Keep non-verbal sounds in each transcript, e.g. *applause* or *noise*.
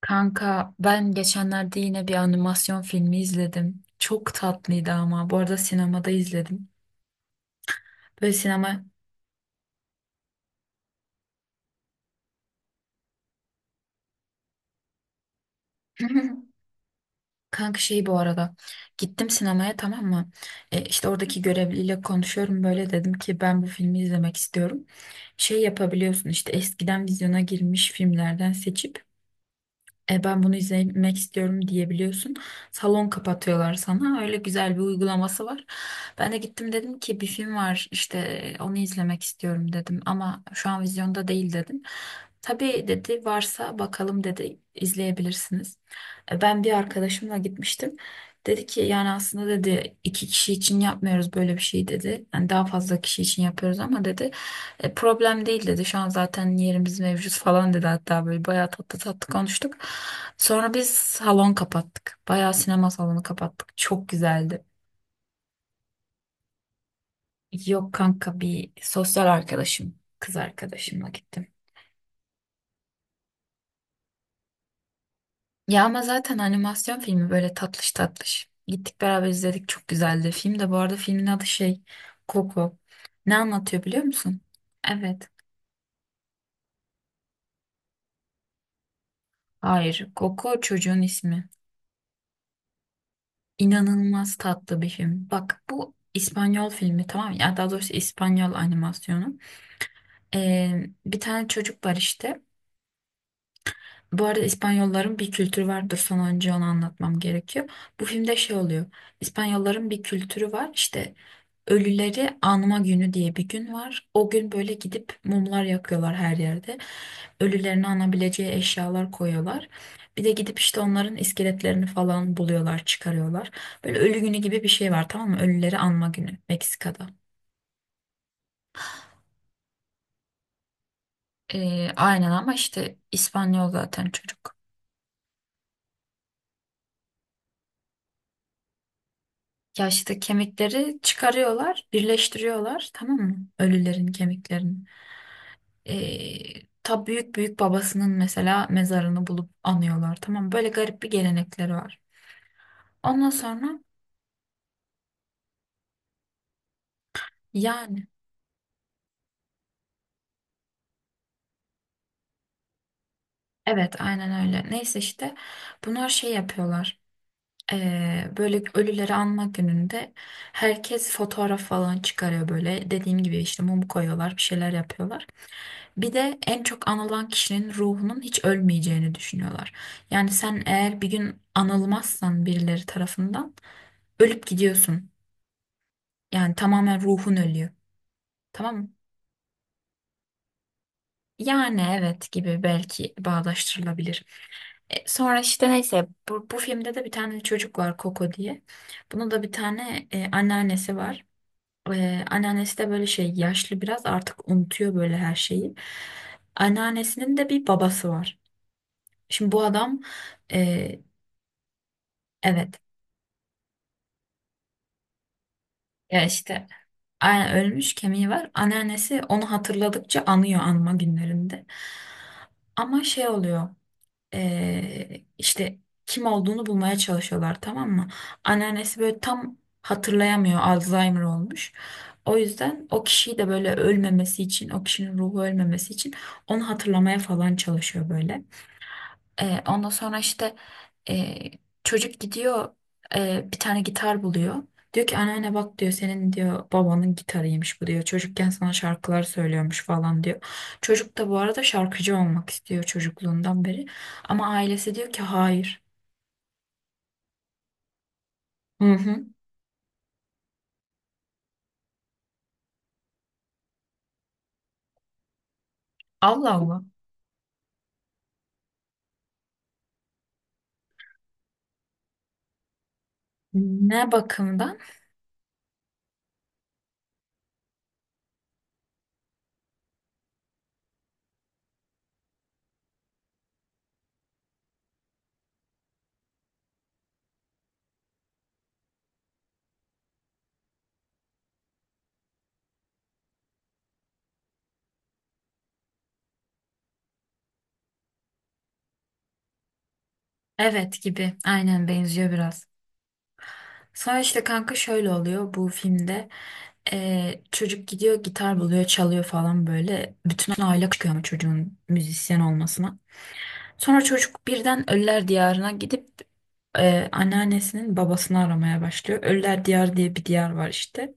Kanka ben geçenlerde yine bir animasyon filmi izledim. Çok tatlıydı ama. Bu arada sinemada izledim. Böyle sinema... *laughs* Kanka bu arada. Gittim sinemaya, tamam mı? E, işte oradaki görevliyle konuşuyorum. Böyle dedim ki ben bu filmi izlemek istiyorum. Yapabiliyorsun işte, eskiden vizyona girmiş filmlerden seçip ben bunu izlemek istiyorum diyebiliyorsun. Salon kapatıyorlar sana. Öyle güzel bir uygulaması var. Ben de gittim, dedim ki bir film var işte, onu izlemek istiyorum dedim. Ama şu an vizyonda değil dedim. Tabii dedi, varsa bakalım dedi, izleyebilirsiniz. Ben bir arkadaşımla gitmiştim. Dedi ki yani aslında dedi iki kişi için yapmıyoruz böyle bir şey dedi. Yani daha fazla kişi için yapıyoruz ama dedi. Problem değil dedi. Şu an zaten yerimiz mevcut falan dedi. Hatta böyle bayağı tatlı tatlı konuştuk. Sonra biz salon kapattık. Bayağı sinema salonu kapattık. Çok güzeldi. Yok kanka, bir sosyal arkadaşım, kız arkadaşımla gittim. Ya ama zaten animasyon filmi, böyle tatlış tatlış. Gittik beraber izledik. Çok güzeldi. Film de bu arada, filmin adı Coco. Ne anlatıyor biliyor musun? Evet. Hayır. Coco çocuğun ismi. İnanılmaz tatlı bir film. Bak bu İspanyol filmi, tamam mı? Ya daha doğrusu İspanyol animasyonu. Bir tane çocuk var işte. Bu arada İspanyolların bir kültürü vardır. Sana önce onu anlatmam gerekiyor. Bu filmde oluyor. İspanyolların bir kültürü var. İşte ölüleri anma günü diye bir gün var. O gün böyle gidip mumlar yakıyorlar her yerde. Ölülerini anabileceği eşyalar koyuyorlar. Bir de gidip işte onların iskeletlerini falan buluyorlar, çıkarıyorlar. Böyle ölü günü gibi bir şey var, tamam mı? Ölüleri anma günü Meksika'da. Aynen ama işte İspanyol zaten çocuk. Ya işte kemikleri çıkarıyorlar, birleştiriyorlar, tamam mı? Ölülerin kemiklerini. Ta büyük büyük babasının mesela mezarını bulup anıyorlar, tamam mı? Böyle garip bir gelenekleri var. Ondan sonra yani evet aynen öyle. Neyse işte bunlar yapıyorlar. Böyle ölüleri anma gününde herkes fotoğraf falan çıkarıyor böyle. Dediğim gibi işte mum koyuyorlar, bir şeyler yapıyorlar. Bir de en çok anılan kişinin ruhunun hiç ölmeyeceğini düşünüyorlar. Yani sen eğer bir gün anılmazsan birileri tarafından, ölüp gidiyorsun. Yani tamamen ruhun ölüyor. Tamam mı? Yani evet gibi, belki bağdaştırılabilir. Sonra işte neyse bu filmde de bir tane çocuk var Coco diye. Bunun da bir tane anneannesi var. Anneannesi de böyle yaşlı, biraz artık unutuyor böyle her şeyi. Anneannesinin de bir babası var. Şimdi bu adam e, evet. Ya işte aynen ölmüş, kemiği var. Anneannesi onu hatırladıkça anıyor anma günlerinde. Ama şey oluyor. İşte kim olduğunu bulmaya çalışıyorlar, tamam mı? Anneannesi böyle tam hatırlayamıyor. Alzheimer olmuş. O yüzden o kişiyi de böyle ölmemesi için, o kişinin ruhu ölmemesi için onu hatırlamaya falan çalışıyor böyle. Ondan sonra işte e, çocuk gidiyor bir tane gitar buluyor. Diyor ki anneanne bak diyor, senin diyor babanın gitarıymış bu diyor. Çocukken sana şarkılar söylüyormuş falan diyor. Çocuk da bu arada şarkıcı olmak istiyor çocukluğundan beri. Ama ailesi diyor ki hayır. Hı hı. Allah Allah. Ne bakımdan? Evet gibi. Aynen benziyor biraz. Sonra işte kanka şöyle oluyor bu filmde. Çocuk gidiyor gitar buluyor çalıyor falan böyle. Bütün aile çıkıyor ama çocuğun müzisyen olmasına. Sonra çocuk birden Ölüler Diyarı'na gidip anneannesinin babasını aramaya başlıyor. Ölüler Diyarı diye bir diyar var işte.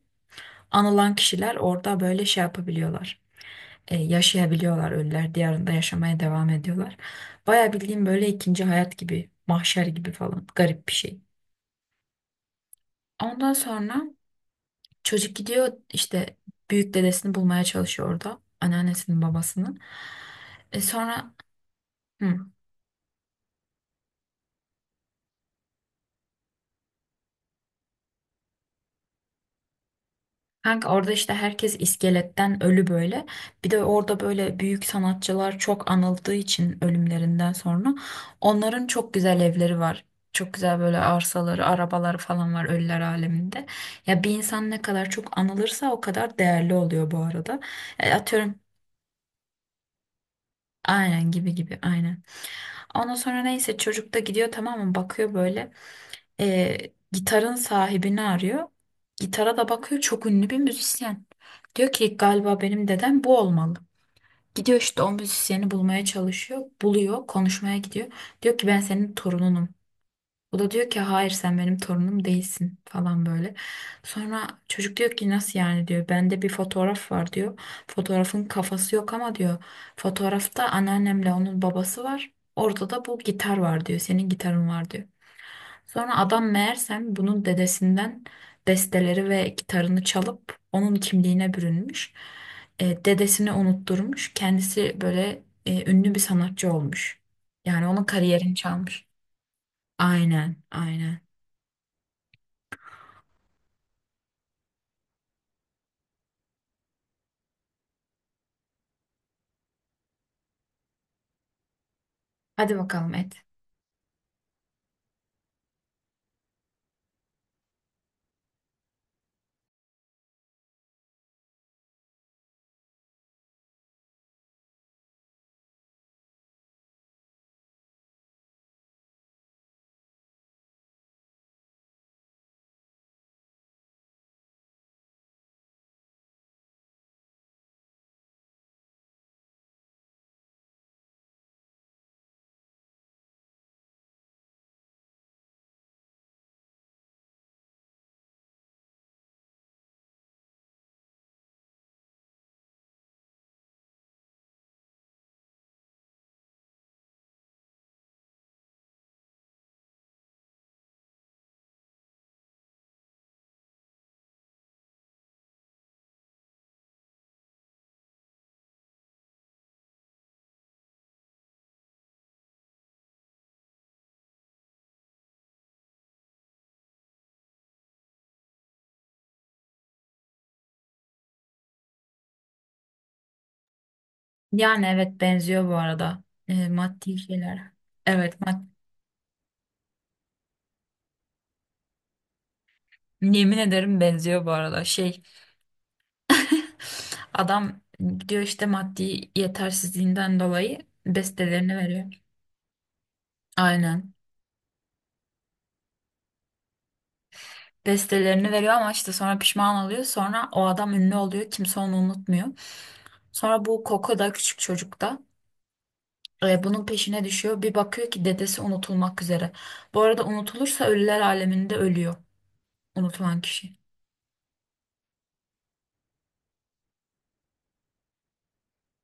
Anılan kişiler orada böyle yapabiliyorlar. Yaşayabiliyorlar, Ölüler Diyarı'nda yaşamaya devam ediyorlar. Baya bildiğim böyle ikinci hayat gibi, mahşer gibi falan, garip bir şey. Ondan sonra çocuk gidiyor işte büyük dedesini bulmaya çalışıyor orada. Anneannesinin babasının. E sonra hı, kanka orada işte herkes iskeletten ölü böyle. Bir de orada böyle büyük sanatçılar çok anıldığı için ölümlerinden sonra onların çok güzel evleri var. Çok güzel böyle arsaları, arabaları falan var ölüler aleminde. Ya bir insan ne kadar çok anılırsa o kadar değerli oluyor bu arada. Atıyorum... Aynen, gibi gibi aynen. Ondan sonra neyse çocuk da gidiyor, tamam mı, bakıyor böyle. Ee, Gitarın sahibini arıyor. Gitara da bakıyor, çok ünlü bir müzisyen. Diyor ki galiba benim dedem bu olmalı. Gidiyor işte o müzisyeni bulmaya çalışıyor. Buluyor, konuşmaya gidiyor. Diyor ki ben senin torununum. O da diyor ki hayır sen benim torunum değilsin falan böyle. Sonra çocuk diyor ki nasıl yani diyor. Bende bir fotoğraf var diyor. Fotoğrafın kafası yok ama diyor. Fotoğrafta anneannemle onun babası var. Orada da bu gitar var diyor. Senin gitarın var diyor. Sonra adam meğersem bunun dedesinden besteleri ve gitarını çalıp onun kimliğine bürünmüş. Dedesini unutturmuş. Kendisi böyle ünlü bir sanatçı olmuş. Yani onun kariyerini çalmış. Aynen, aynen. Hadi bakalım et. Yani evet benziyor bu arada. Maddi şeyler. Evet mad Yemin ederim benziyor bu arada. Adam diyor işte maddi yetersizliğinden dolayı bestelerini veriyor. Aynen. Bestelerini veriyor ama işte sonra pişman oluyor. Sonra o adam ünlü oluyor. Kimse onu unutmuyor. Sonra bu Koko da, küçük çocuk da bunun peşine düşüyor. Bir bakıyor ki dedesi unutulmak üzere. Bu arada unutulursa ölüler aleminde ölüyor unutulan kişi.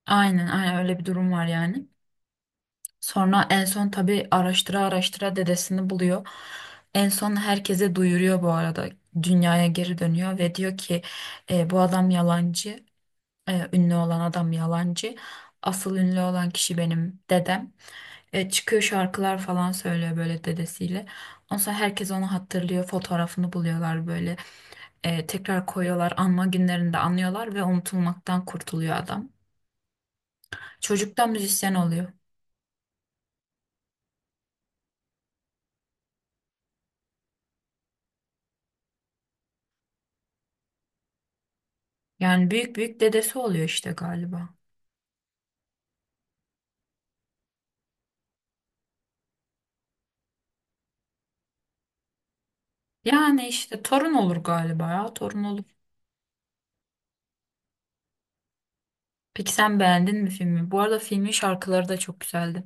Aynen aynen öyle bir durum var yani. Sonra en son tabii araştıra araştıra dedesini buluyor. En son herkese duyuruyor bu arada. Dünyaya geri dönüyor ve diyor ki "E, bu adam yalancı. Ünlü olan adam yalancı. Asıl ünlü olan kişi benim dedem." Çıkıyor şarkılar falan söylüyor böyle dedesiyle. Ondan sonra herkes onu hatırlıyor. Fotoğrafını buluyorlar böyle. Tekrar koyuyorlar. Anma günlerinde anıyorlar ve unutulmaktan kurtuluyor adam. Çocuktan müzisyen oluyor. Yani büyük büyük dedesi oluyor işte galiba. Yani işte torun olur galiba, ya torun olur. Peki sen beğendin mi filmi? Bu arada filmin şarkıları da çok güzeldi.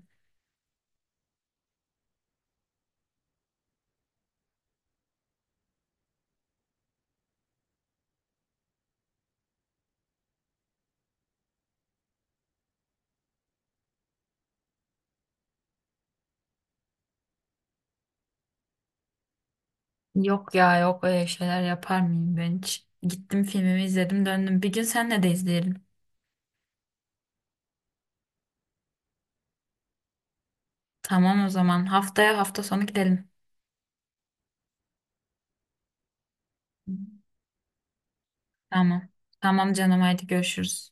Yok ya yok, öyle şeyler yapar mıyım ben hiç? Gittim filmimi izledim döndüm. Bir gün senle de izleyelim. Tamam o zaman haftaya hafta sonu gidelim. Tamam. Tamam canım haydi görüşürüz.